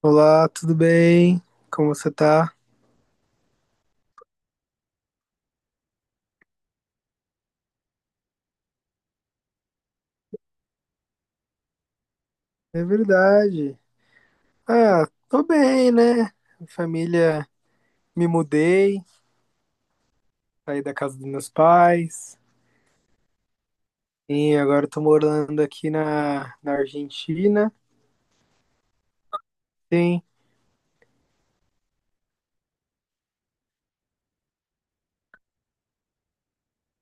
Olá, tudo bem? Como você tá? É verdade. Ah, tô bem, né? Família, me mudei, saí da casa dos meus pais e agora tô morando aqui na Argentina. Sim.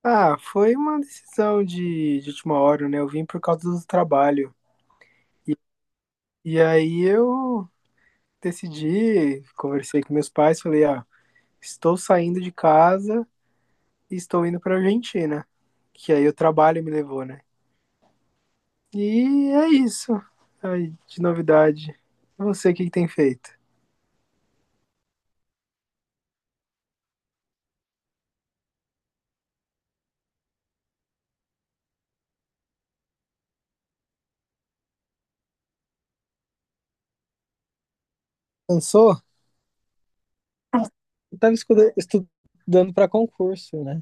Ah, foi uma decisão de última hora, né? Eu vim por causa do trabalho. E aí eu decidi, conversei com meus pais, falei, ah, estou saindo de casa e estou indo pra Argentina. Que aí o trabalho me levou, né? E é isso aí de novidade. E você, o que, que tem feito? Cansou? Eu tava estudando pra concurso, né?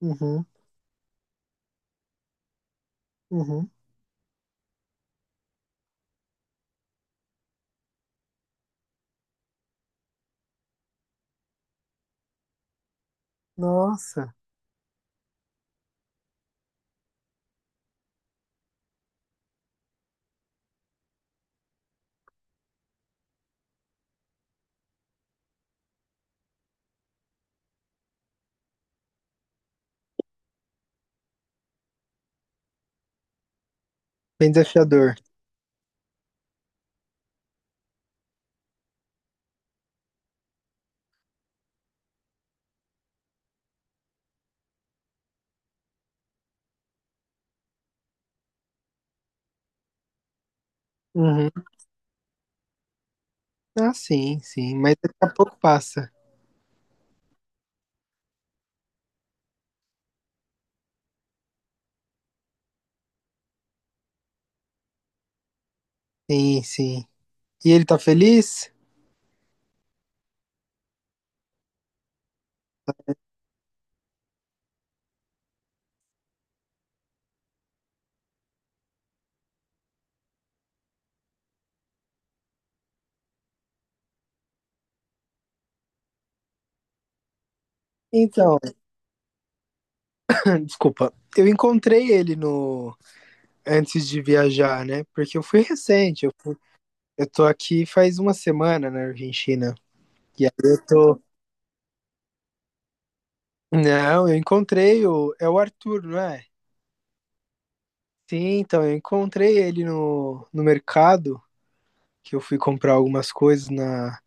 Uhum, uhum. Nossa, bem desafiador. Uhum. Ah, sim, sim. Mas daqui a pouco passa. Sim, sim. E ele tá feliz? Então, desculpa. Eu encontrei ele no antes de viajar, né? Porque eu fui recente. Eu tô aqui faz uma semana na Argentina. E aí eu tô Não, eu encontrei o. É o Arthur, não é? Sim, então, eu encontrei ele no mercado, que eu fui comprar algumas coisas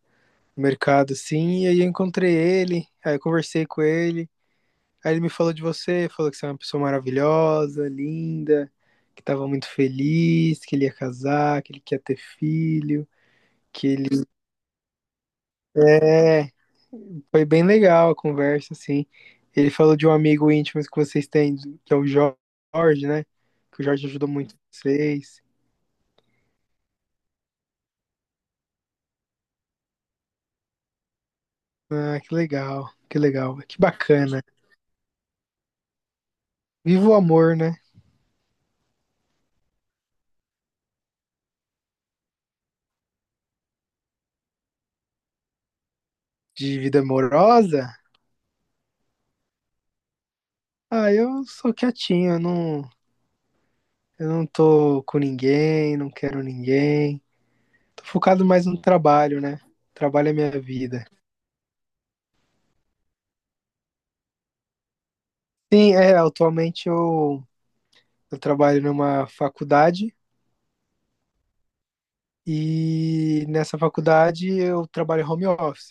no mercado, assim, e aí eu encontrei ele, aí eu conversei com ele, aí ele me falou de você, falou que você é uma pessoa maravilhosa, linda, que estava muito feliz, que ele ia casar, que ele quer ter filho, que ele é. Foi bem legal a conversa, assim. Ele falou de um amigo íntimo que vocês têm, que é o Jorge, né? Que o Jorge ajudou muito vocês. Ah, que legal, que legal, que bacana. Viva o amor, né? De vida amorosa? Ah, eu sou quietinho, eu não tô com ninguém, não quero ninguém. Tô focado mais no trabalho, né? Trabalho é minha vida. Sim, é, atualmente eu trabalho numa faculdade. E nessa faculdade eu trabalho home office.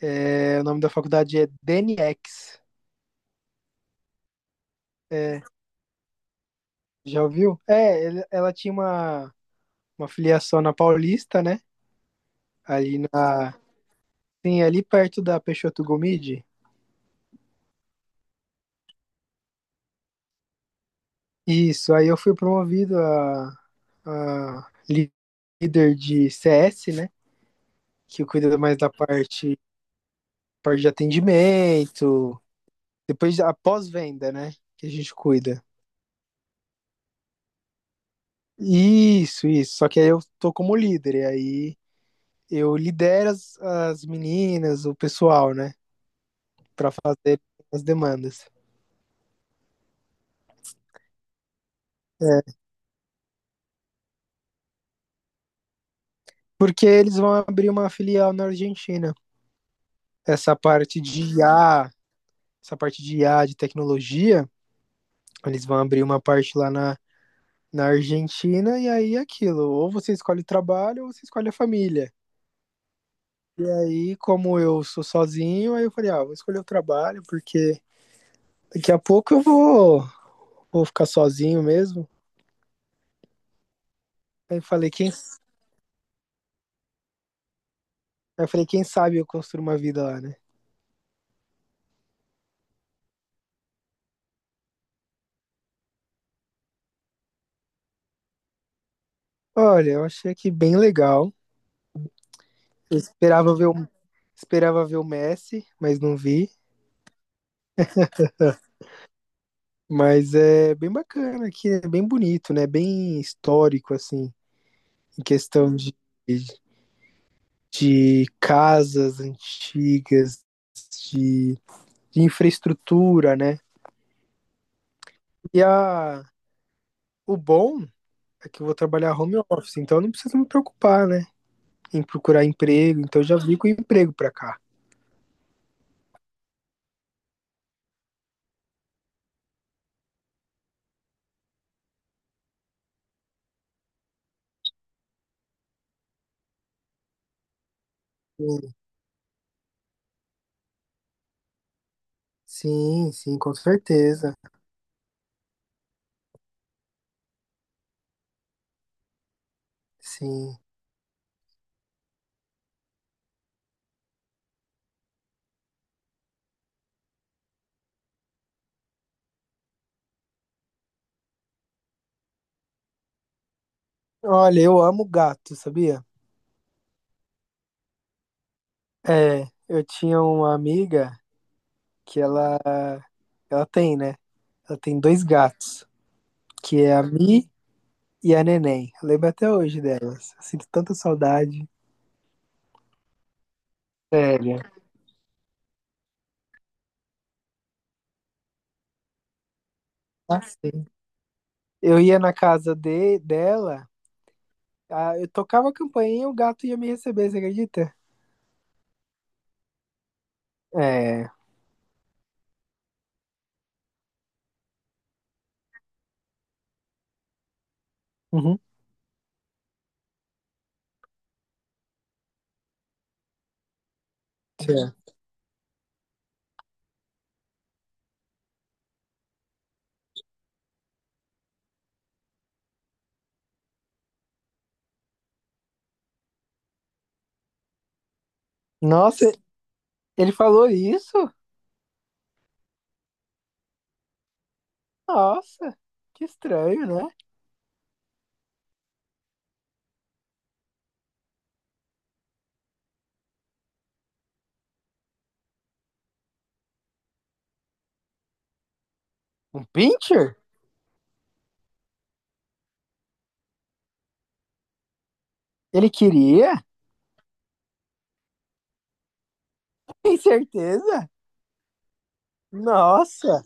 É, o nome da faculdade é DNX. É, já ouviu? É, ela tinha uma filiação na Paulista, né? Ali na, sim, ali perto da Peixoto Gomide. Isso, aí eu fui promovido a, a líder de CS, né? Que cuida mais da parte de atendimento, depois a pós-venda, né? Que a gente cuida. Isso, isso. Só que aí eu tô como líder, e aí eu lidero as meninas, o pessoal, né, pra fazer as demandas. É, porque eles vão abrir uma filial na Argentina. Essa parte de I a essa parte de I a de tecnologia, eles vão abrir uma parte lá na Argentina, e aí é aquilo, ou você escolhe o trabalho ou você escolhe a família. E aí, como eu sou sozinho, aí eu falei, ah, vou escolher o trabalho, porque daqui a pouco eu vou ficar sozinho mesmo. Aí eu falei, quem sabe eu construo uma vida lá, né? Olha, eu achei aqui bem legal. Eu esperava ver o Messi, mas não vi. Mas é bem bacana aqui, é bem bonito, né? Bem histórico, assim, em questão de, casas antigas, de, de infraestrutura, né? E o bom é que eu vou trabalhar home office, então eu não preciso me preocupar, né? Em procurar emprego, então eu já vim com emprego pra cá. Sim, sim, com certeza. Sim. Olha, eu amo gato, sabia? É, eu tinha uma amiga que ela tem, né? Ela tem dois gatos, que é a Mi e a Neném. Eu lembro até hoje delas. Eu sinto tanta saudade. Sério. Assim. Eu ia na casa dela, eu tocava a campainha e o gato ia me receber, você acredita? É. Uhum. Sim. Nossa, ele falou isso? Nossa, que estranho, né? Um pincher? Ele queria? Tem certeza? Nossa!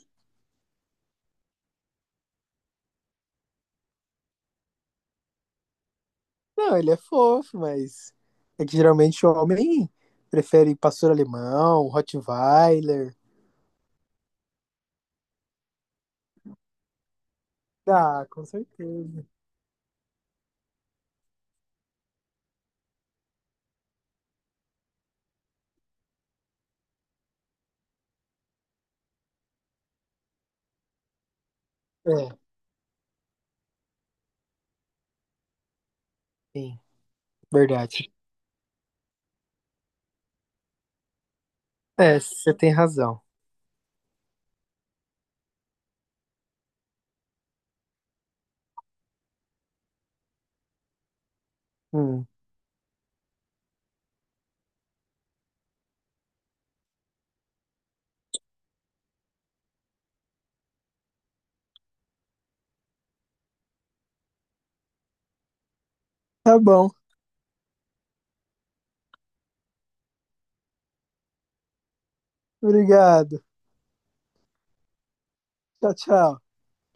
Não, ele é fofo, mas é que geralmente o homem prefere pastor alemão, Rottweiler. Ah, com certeza. É, sim, verdade. É, você tem razão. Hum. Tá bom. Obrigado. Tchau, tchau.